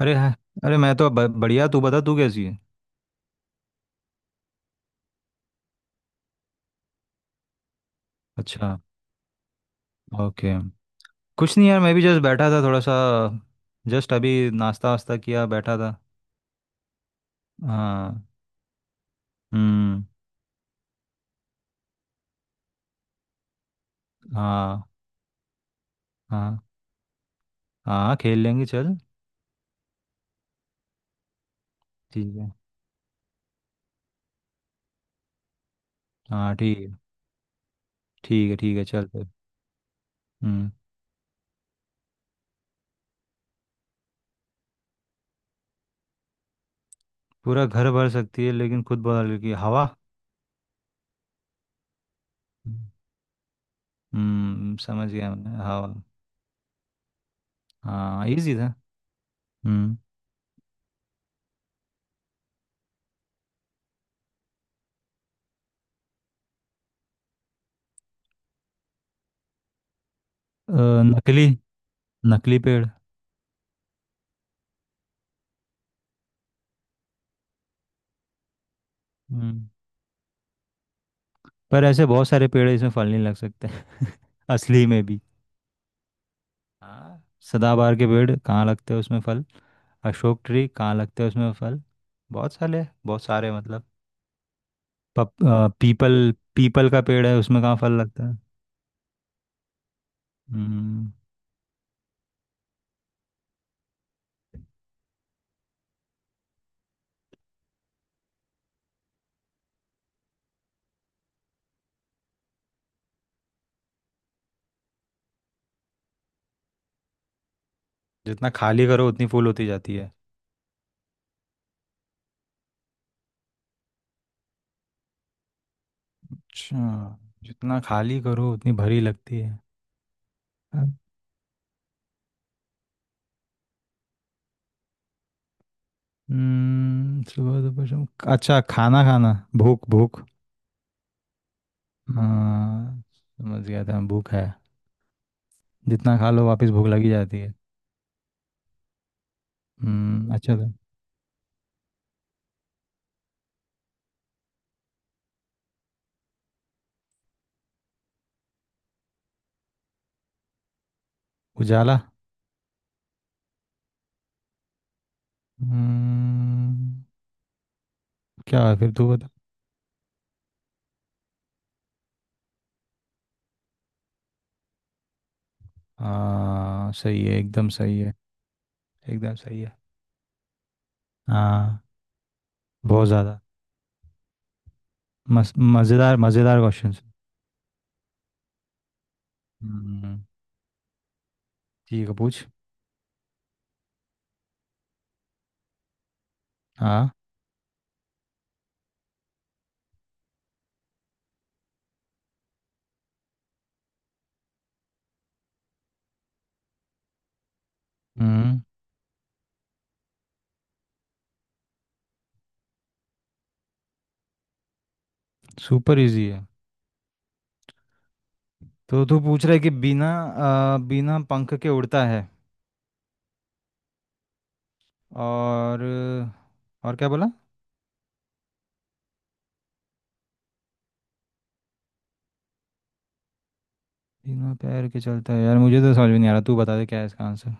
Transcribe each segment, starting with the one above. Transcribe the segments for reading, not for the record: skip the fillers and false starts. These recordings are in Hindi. अरे हाँ। अरे मैं तो बढ़िया। तू बता, तू कैसी है? अच्छा। ओके। कुछ नहीं यार, मैं भी जस्ट बैठा था थोड़ा सा। जस्ट अभी नाश्ता वास्ता किया, बैठा था। हाँ। हम्म। हाँ। हाँ, हाँ खेल लेंगे, चल। ठीक है। हाँ ठीक है। ठीक है ठीक है, चल फिर। हम्म। पूरा घर भर सकती है लेकिन खुद बहुत हल्की है, हवा। हम्म, समझ गया मैं, हवा। हाँ, इजी था। हम्म। नकली। नकली पेड़। हम्म, पर ऐसे बहुत सारे पेड़ इसमें फल नहीं लग सकते। असली में भी। हाँ। सदाबहार के पेड़ कहाँ लगते हैं उसमें फल? अशोक ट्री कहाँ लगते हैं उसमें फल? बहुत सारे मतलब। पीपल पीपल का पेड़ है, उसमें कहाँ फल लगता है? हम्म। जितना खाली करो उतनी फूल होती जाती है? अच्छा। जितना खाली करो उतनी भरी लगती है। हम्म, सुबह दोपहर शाम। अच्छा, खाना खाना। भूख भूख। हाँ। समझ गया था, भूख है। जितना खा लो वापस भूख लगी जाती है। हम्म, अच्छा था। उजाला। हम्म। क्या है फिर, तू बता। हाँ, सही है, एकदम सही है। एकदम सही है। हाँ। बहुत ज़्यादा। मज़ेदार मज़ेदार क्वेश्चन। हम्म। ठीक है, पूछ। हाँ। हम्म। सुपर इजी है। तो तू पूछ रहा है कि बिना बिना पंख के उड़ता है और और क्या बोला? बिना पैर के चलता है, यार मुझे तो समझ में नहीं आ रहा, तू बता दे क्या है इसका आंसर।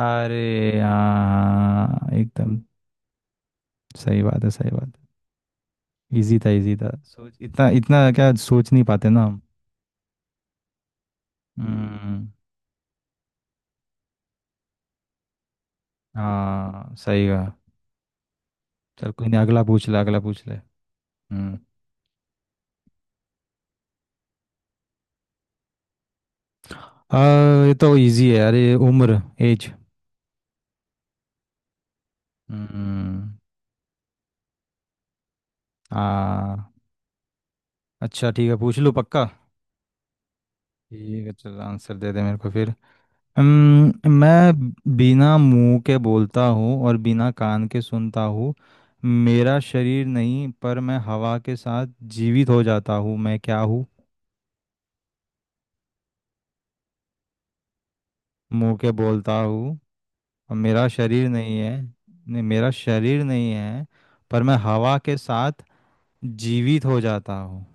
अरे हाँ एकदम। सही बात है, सही बात। इजी था, इजी था। सोच इतना इतना क्या, सोच नहीं पाते ना हम। हम्म। हाँ सही कहा। चल कोई नहीं, अगला पूछ ले, अगला पूछ ले। हम्म। आ, ये तो इजी है यार, ये उम्र, एज। हम्म। हाँ। अच्छा ठीक है, पूछ लो पक्का। ठीक है चल, आंसर दे दे मेरे को फिर। मैं। बिना मुंह के बोलता हूँ और बिना कान के सुनता हूँ। मेरा शरीर नहीं पर मैं हवा के साथ जीवित हो जाता हूँ। मैं क्या हूँ? मुंह के बोलता हूँ। और मेरा शरीर नहीं है, नहीं मेरा शरीर नहीं है। पर मैं हवा के साथ जीवित हो जाता हूँ।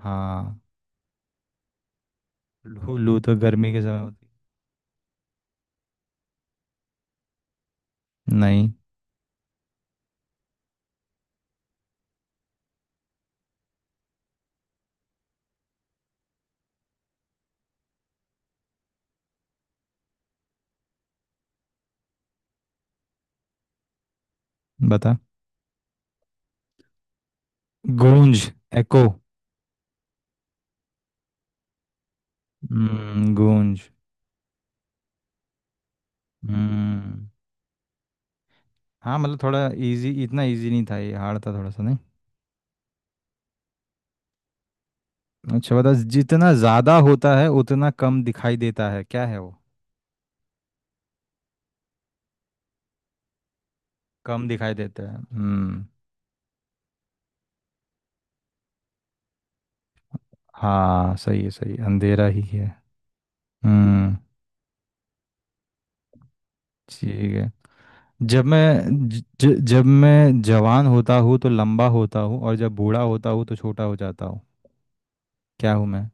हाँ। लू लू तो गर्मी के समय होती है। नहीं। बता। गूंज। एको। हम्म, गूंज। हम्म। हाँ मतलब थोड़ा इजी, इतना इजी नहीं था ये, हार्ड था थोड़ा सा, नहीं। अच्छा बता, जितना ज़्यादा होता है उतना कम दिखाई देता है, क्या है वो? कम दिखाई देता है, हम्म। हाँ सही है, सही है, अंधेरा ही है। हम्म। ठीक है। जब मैं ज, ज- जब मैं जवान होता हूँ तो लंबा होता हूँ, और जब बूढ़ा होता हूँ तो छोटा हो जाता हूँ। क्या हूँ मैं?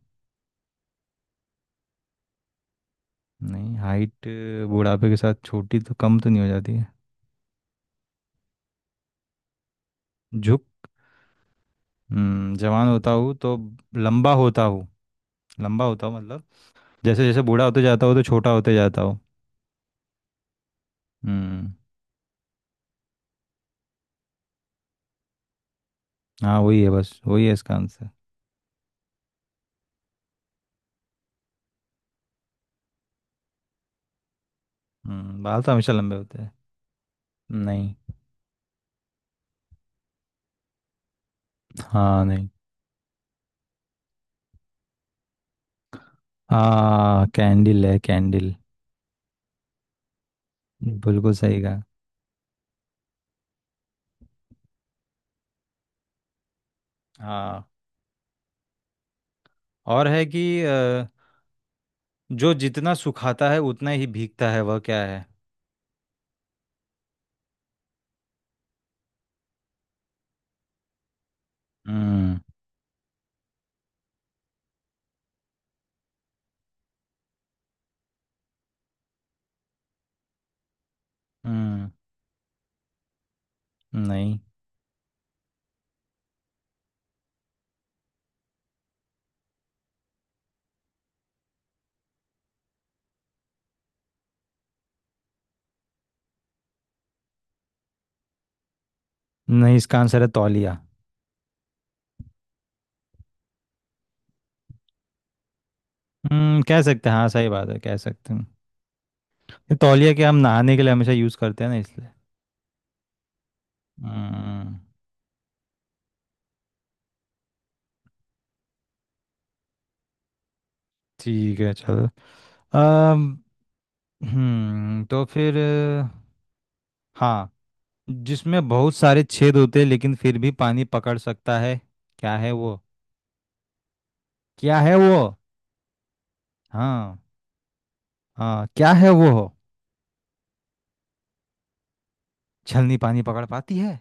नहीं हाइट। बुढ़ापे के साथ छोटी तो कम तो नहीं हो जाती है। झुक। जवान होता हूँ तो लंबा होता हूँ। लंबा होता हूँ मतलब, जैसे जैसे बूढ़ा होते जाता हूँ तो छोटा होते जाता हूँ। हम्म। हाँ वही है, बस वही है इसका आंसर। हम्म। बाल तो हमेशा लंबे होते हैं। नहीं। हाँ नहीं। हाँ कैंडल है, कैंडल। बिल्कुल सही कहा। हाँ। और है कि जो जितना सुखाता है उतना ही भीगता है, वह क्या है? हम्म। हम्म। नहीं। नहीं इसका आंसर है तौलिया। हम्म, कह सकते हैं, हाँ सही बात है, कह सकते हैं। ये तौलिया के हम नहाने के लिए हमेशा यूज करते हैं ना, इसलिए। हम्म। ठीक है चलो। अम हम्म, तो फिर हाँ, जिसमें बहुत सारे छेद होते हैं लेकिन फिर भी पानी पकड़ सकता है, क्या है वो? क्या है वो? हाँ। हाँ क्या है वो? छलनी पानी पकड़ पाती है?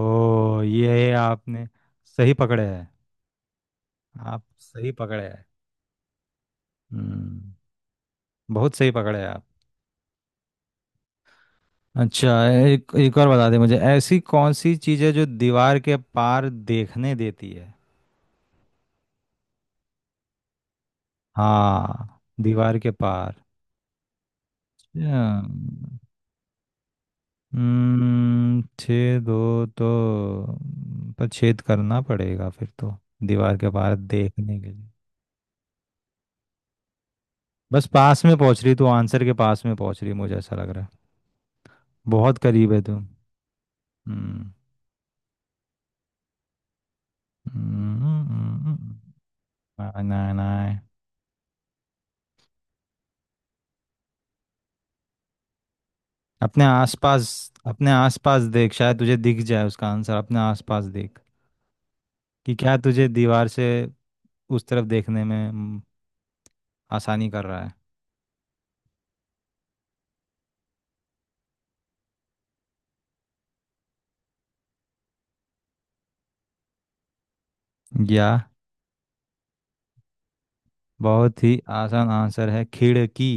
ओ, ये आपने सही पकड़े हैं। आप सही पकड़े हैं। हम्म। बहुत सही पकड़े हैं आप। अच्छा एक एक और बता दे मुझे, ऐसी कौन सी चीज़ है जो दीवार के पार देखने देती है? हाँ दीवार के पार। अच्छा। हम्म, छः दो तो। पर छेद करना पड़ेगा फिर तो, दीवार के पार देखने के लिए। बस पास में पहुंच रही तू, आंसर के पास में पहुंच रही, मुझे ऐसा लग रहा है। बहुत करीब है तू। हम्म। हम्म, ना ना ना। अपने आसपास। अपने आसपास देख, शायद तुझे दिख जाए उसका आंसर, अपने आसपास देख, कि क्या तुझे दीवार से उस तरफ देखने में आसानी कर रहा है। या बहुत ही आसान आंसर है, खिड़की।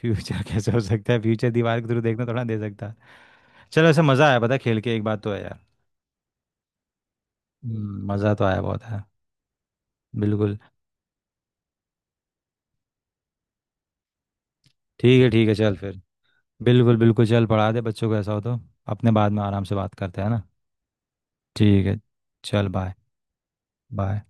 फ्यूचर? कैसे हो सकता है फ्यूचर? दीवार के थ्रू देखना थोड़ा दे सकता है। चलो, ऐसा मज़ा आया पता है, खेल के, एक बात तो है यार। मज़ा तो आया बहुत है। बिल्कुल। ठीक है ठीक है, चल फिर। बिल्कुल बिल्कुल, चल पढ़ा दे बच्चों को, ऐसा हो तो अपने बाद में आराम से बात करते हैं ना। ठीक है। चल बाय। बाय।